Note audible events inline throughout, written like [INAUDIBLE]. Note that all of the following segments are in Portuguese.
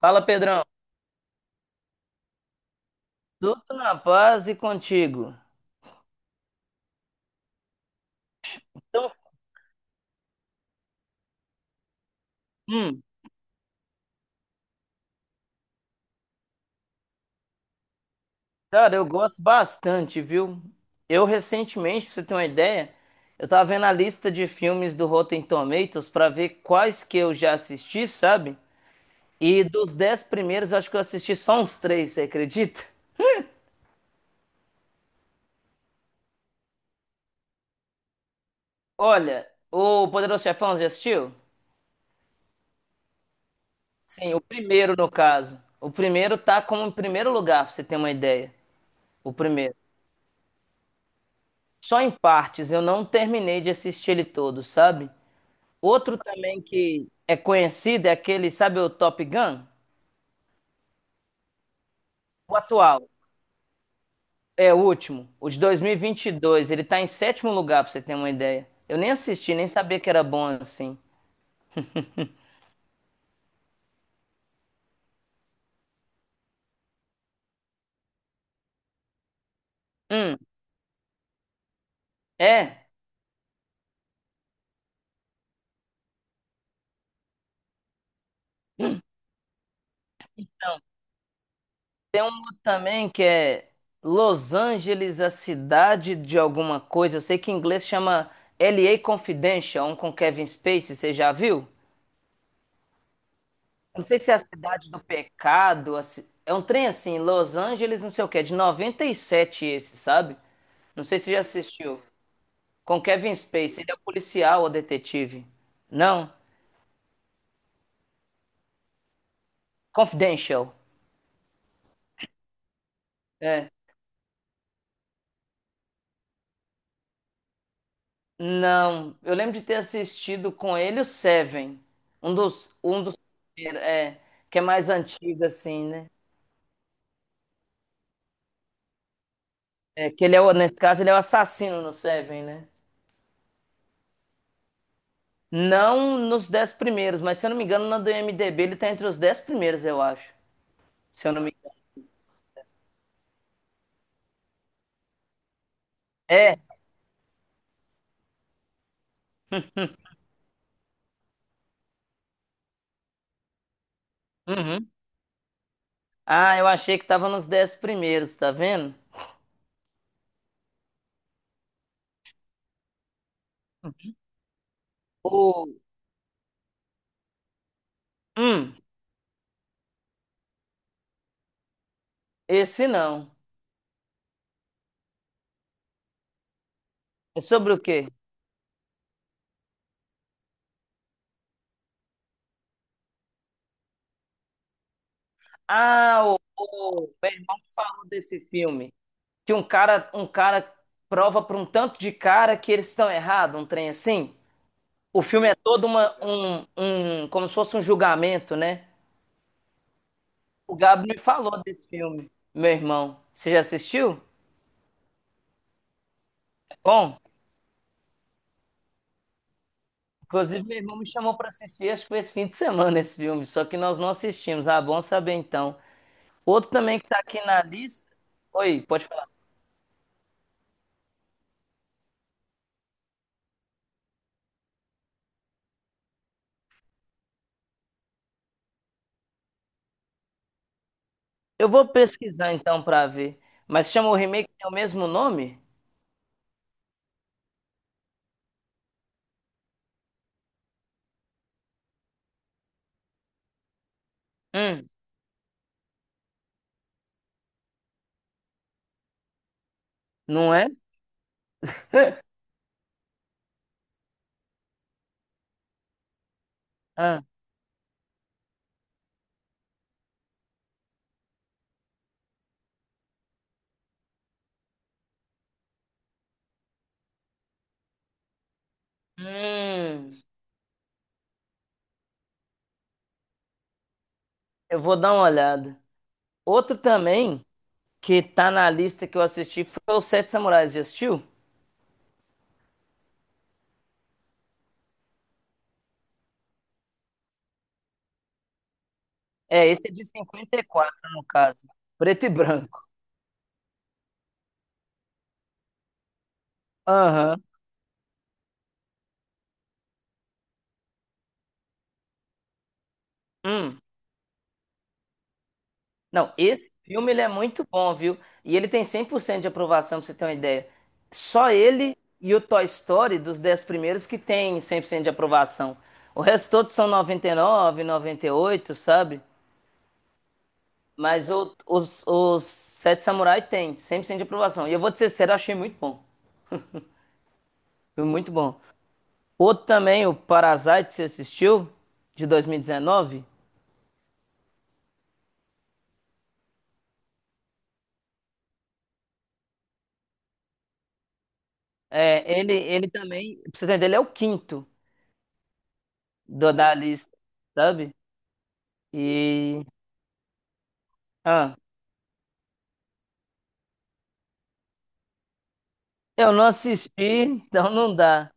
Fala, Pedrão. Tudo na paz e contigo. Então, hum, cara, eu gosto bastante, viu? Eu recentemente, pra você ter uma ideia, eu tava vendo a lista de filmes do Rotten Tomatoes pra ver quais que eu já assisti, sabe? E dos dez primeiros, eu acho que eu assisti só uns três, você acredita? Olha, o Poderoso Chefão, já assistiu? Sim, o primeiro, no caso. O primeiro tá como em primeiro lugar, pra você ter uma ideia. O primeiro. Só em partes, eu não terminei de assistir ele todo, sabe? Outro também que é conhecido é aquele, sabe o Top Gun? O atual, é o último, o de 2022. Ele tá em sétimo lugar, pra você ter uma ideia. Eu nem assisti, nem sabia que era bom assim. Hum, é, também que é Los Angeles, a cidade de alguma coisa. Eu sei que em inglês chama LA Confidential, um com Kevin Spacey, você já viu? Não sei se é a cidade do pecado, é um trem assim, Los Angeles, não sei o que, é de 97 esse, sabe? Não sei se já assistiu. Com Kevin Spacey, ele é o policial ou detetive? Não? Confidential. É. Não. Eu lembro de ter assistido com ele o Seven. Um dos, é, que é mais antigo assim, né? É, que ele é, nesse caso, ele é o assassino no Seven, né? Não nos dez primeiros, mas se eu não me engano, na do IMDb ele tá entre os dez primeiros, eu acho. Se eu não me engano. É. Uhum. Ah, eu achei que tava nos dez primeiros, tá vendo? O... Hum. Esse não. É sobre o quê? Ah, o meu irmão falou desse filme. Que um cara prova para um tanto de cara que eles estão errados, um trem assim. O filme é todo como se fosse um julgamento, né? O Gabi me falou desse filme, meu irmão. Você já assistiu? É bom, inclusive meu irmão me chamou para assistir, acho que foi esse fim de semana esse filme, só que nós não assistimos. Ah, bom saber então. Outro também que tá aqui na lista. Oi, pode falar. Eu vou pesquisar então pra ver. Mas chama o remake tem o mesmo nome? Hum, não é? Ah. Hum, eu vou dar uma olhada. Outro também que tá na lista que eu assisti foi o Sete Samurais, já assistiu? É, esse é de 54 no caso, preto e branco. Aham. Hum. Não, esse filme ele é muito bom, viu? E ele tem 100% de aprovação, pra você ter uma ideia. Só ele e o Toy Story dos 10 primeiros que tem 100% de aprovação. O resto todos são noventa, noventa e nove, noventa e oito, sabe? Mas os Sete Samurai tem 100% de aprovação. E eu vou te ser sério, eu achei muito bom. Foi muito bom. Outro também, o Parasite, você assistiu? De 2019. É, ele também, pra você entender, ele é o quinto do, da lista, sabe? E Ah, eu não assisti, [LAUGHS] então não dá.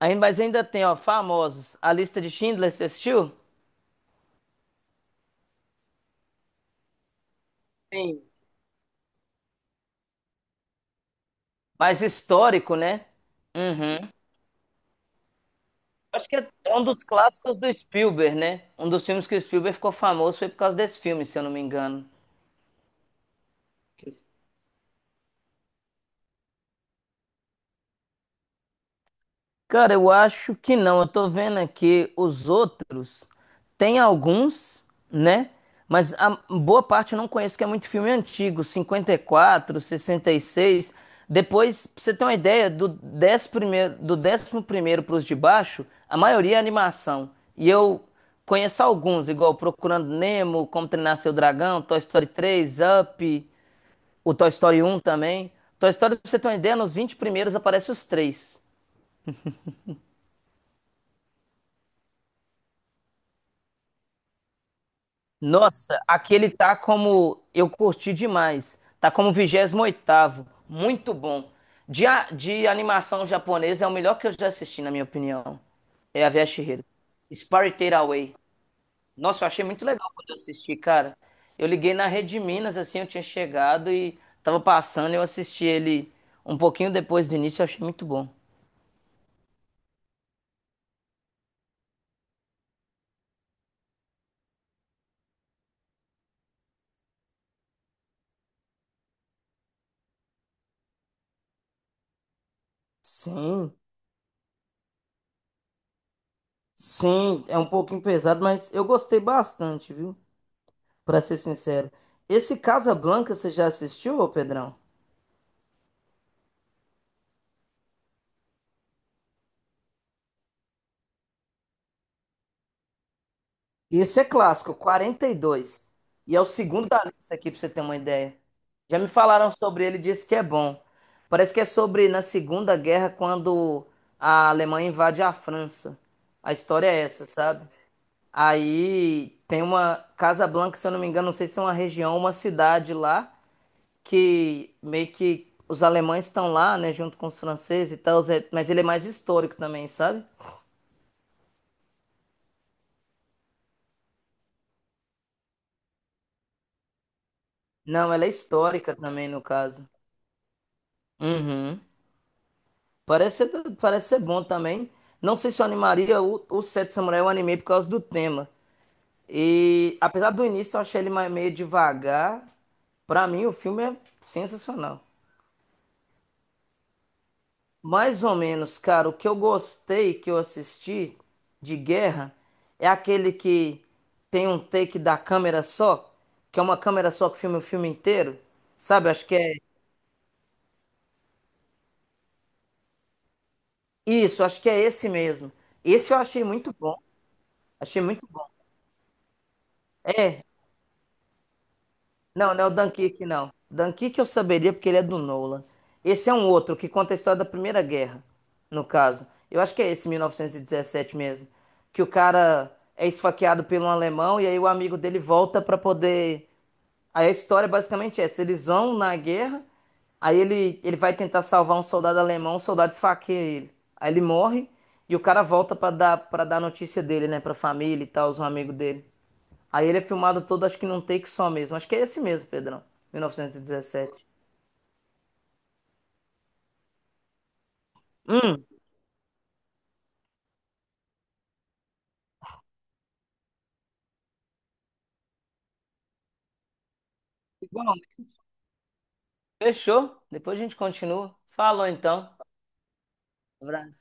Aí, mas ainda tem, ó, famosos. A lista de Schindler, você assistiu? Sim. Mais histórico, né? Uhum. Acho que é um dos clássicos do Spielberg, né? Um dos filmes que o Spielberg ficou famoso foi por causa desse filme, se eu não me engano. Cara, eu acho que não. Eu tô vendo aqui os outros. Tem alguns, né? Mas a boa parte eu não conheço, porque é muito filme antigo, 54, 66. Depois, pra você ter uma ideia, do 10 primeiro, do 11 primeiro pros de baixo, a maioria é animação. E eu conheço alguns, igual Procurando Nemo, Como Treinar Seu Dragão, Toy Story 3, Up, o Toy Story 1 também. Toy Story, pra você ter uma ideia, nos 20 primeiros aparece os três. Nossa, aqui ele tá como. Eu curti demais. Tá como 28º. Muito bom. De animação japonesa é o melhor que eu já assisti, na minha opinião. É a Via Spirited Away. Nossa, eu achei muito legal quando eu assisti, cara. Eu liguei na Rede Minas, assim, eu tinha chegado e tava passando, eu assisti ele um pouquinho depois do início, eu achei muito bom. Sim, sim, é um pouquinho pesado, mas eu gostei bastante, viu? Pra ser sincero. Esse Casablanca você já assistiu, ô Pedrão? Esse é clássico, 42 e é o segundo da lista aqui, pra você ter uma ideia. Já me falaram sobre ele, disse que é bom. Parece que é sobre na Segunda Guerra, quando a Alemanha invade a França. A história é essa, sabe? Aí tem uma Casablanca, se eu não me engano, não sei se é uma região, uma cidade lá, que meio que os alemães estão lá, né, junto com os franceses e tal, Zé, mas ele é mais histórico também, sabe? Não, ela é histórica também, no caso. Uhum. Parece ser bom também. Não sei se eu animaria o Sete Samurai, eu animei por causa do tema. E apesar do início eu achei ele meio devagar, pra mim o filme é sensacional. Mais ou menos, cara, o que eu gostei que eu assisti de guerra é aquele que tem um take da câmera só, que é uma câmera só que filma o filme inteiro. Sabe, acho que é. Isso, acho que é esse mesmo. Esse eu achei muito bom. Achei muito bom. Não, não é o Dunkirk, não. Dunkirk eu saberia porque ele é do Nolan. Esse é um outro que conta a história da Primeira Guerra, no caso. Eu acho que é esse 1917 mesmo. Que o cara é esfaqueado por um alemão e aí o amigo dele volta pra poder. Aí a história basicamente é essa: eles vão na guerra, aí ele vai tentar salvar um soldado alemão, o soldado esfaqueia ele. Aí ele morre e o cara volta pra dar notícia dele, né, pra família e tal, os amigos dele. Aí ele é filmado todo, acho que num take só mesmo. Acho que é esse mesmo, Pedrão, 1917. Hum, igual. Fechou? Depois a gente continua. Falou então. Abraço.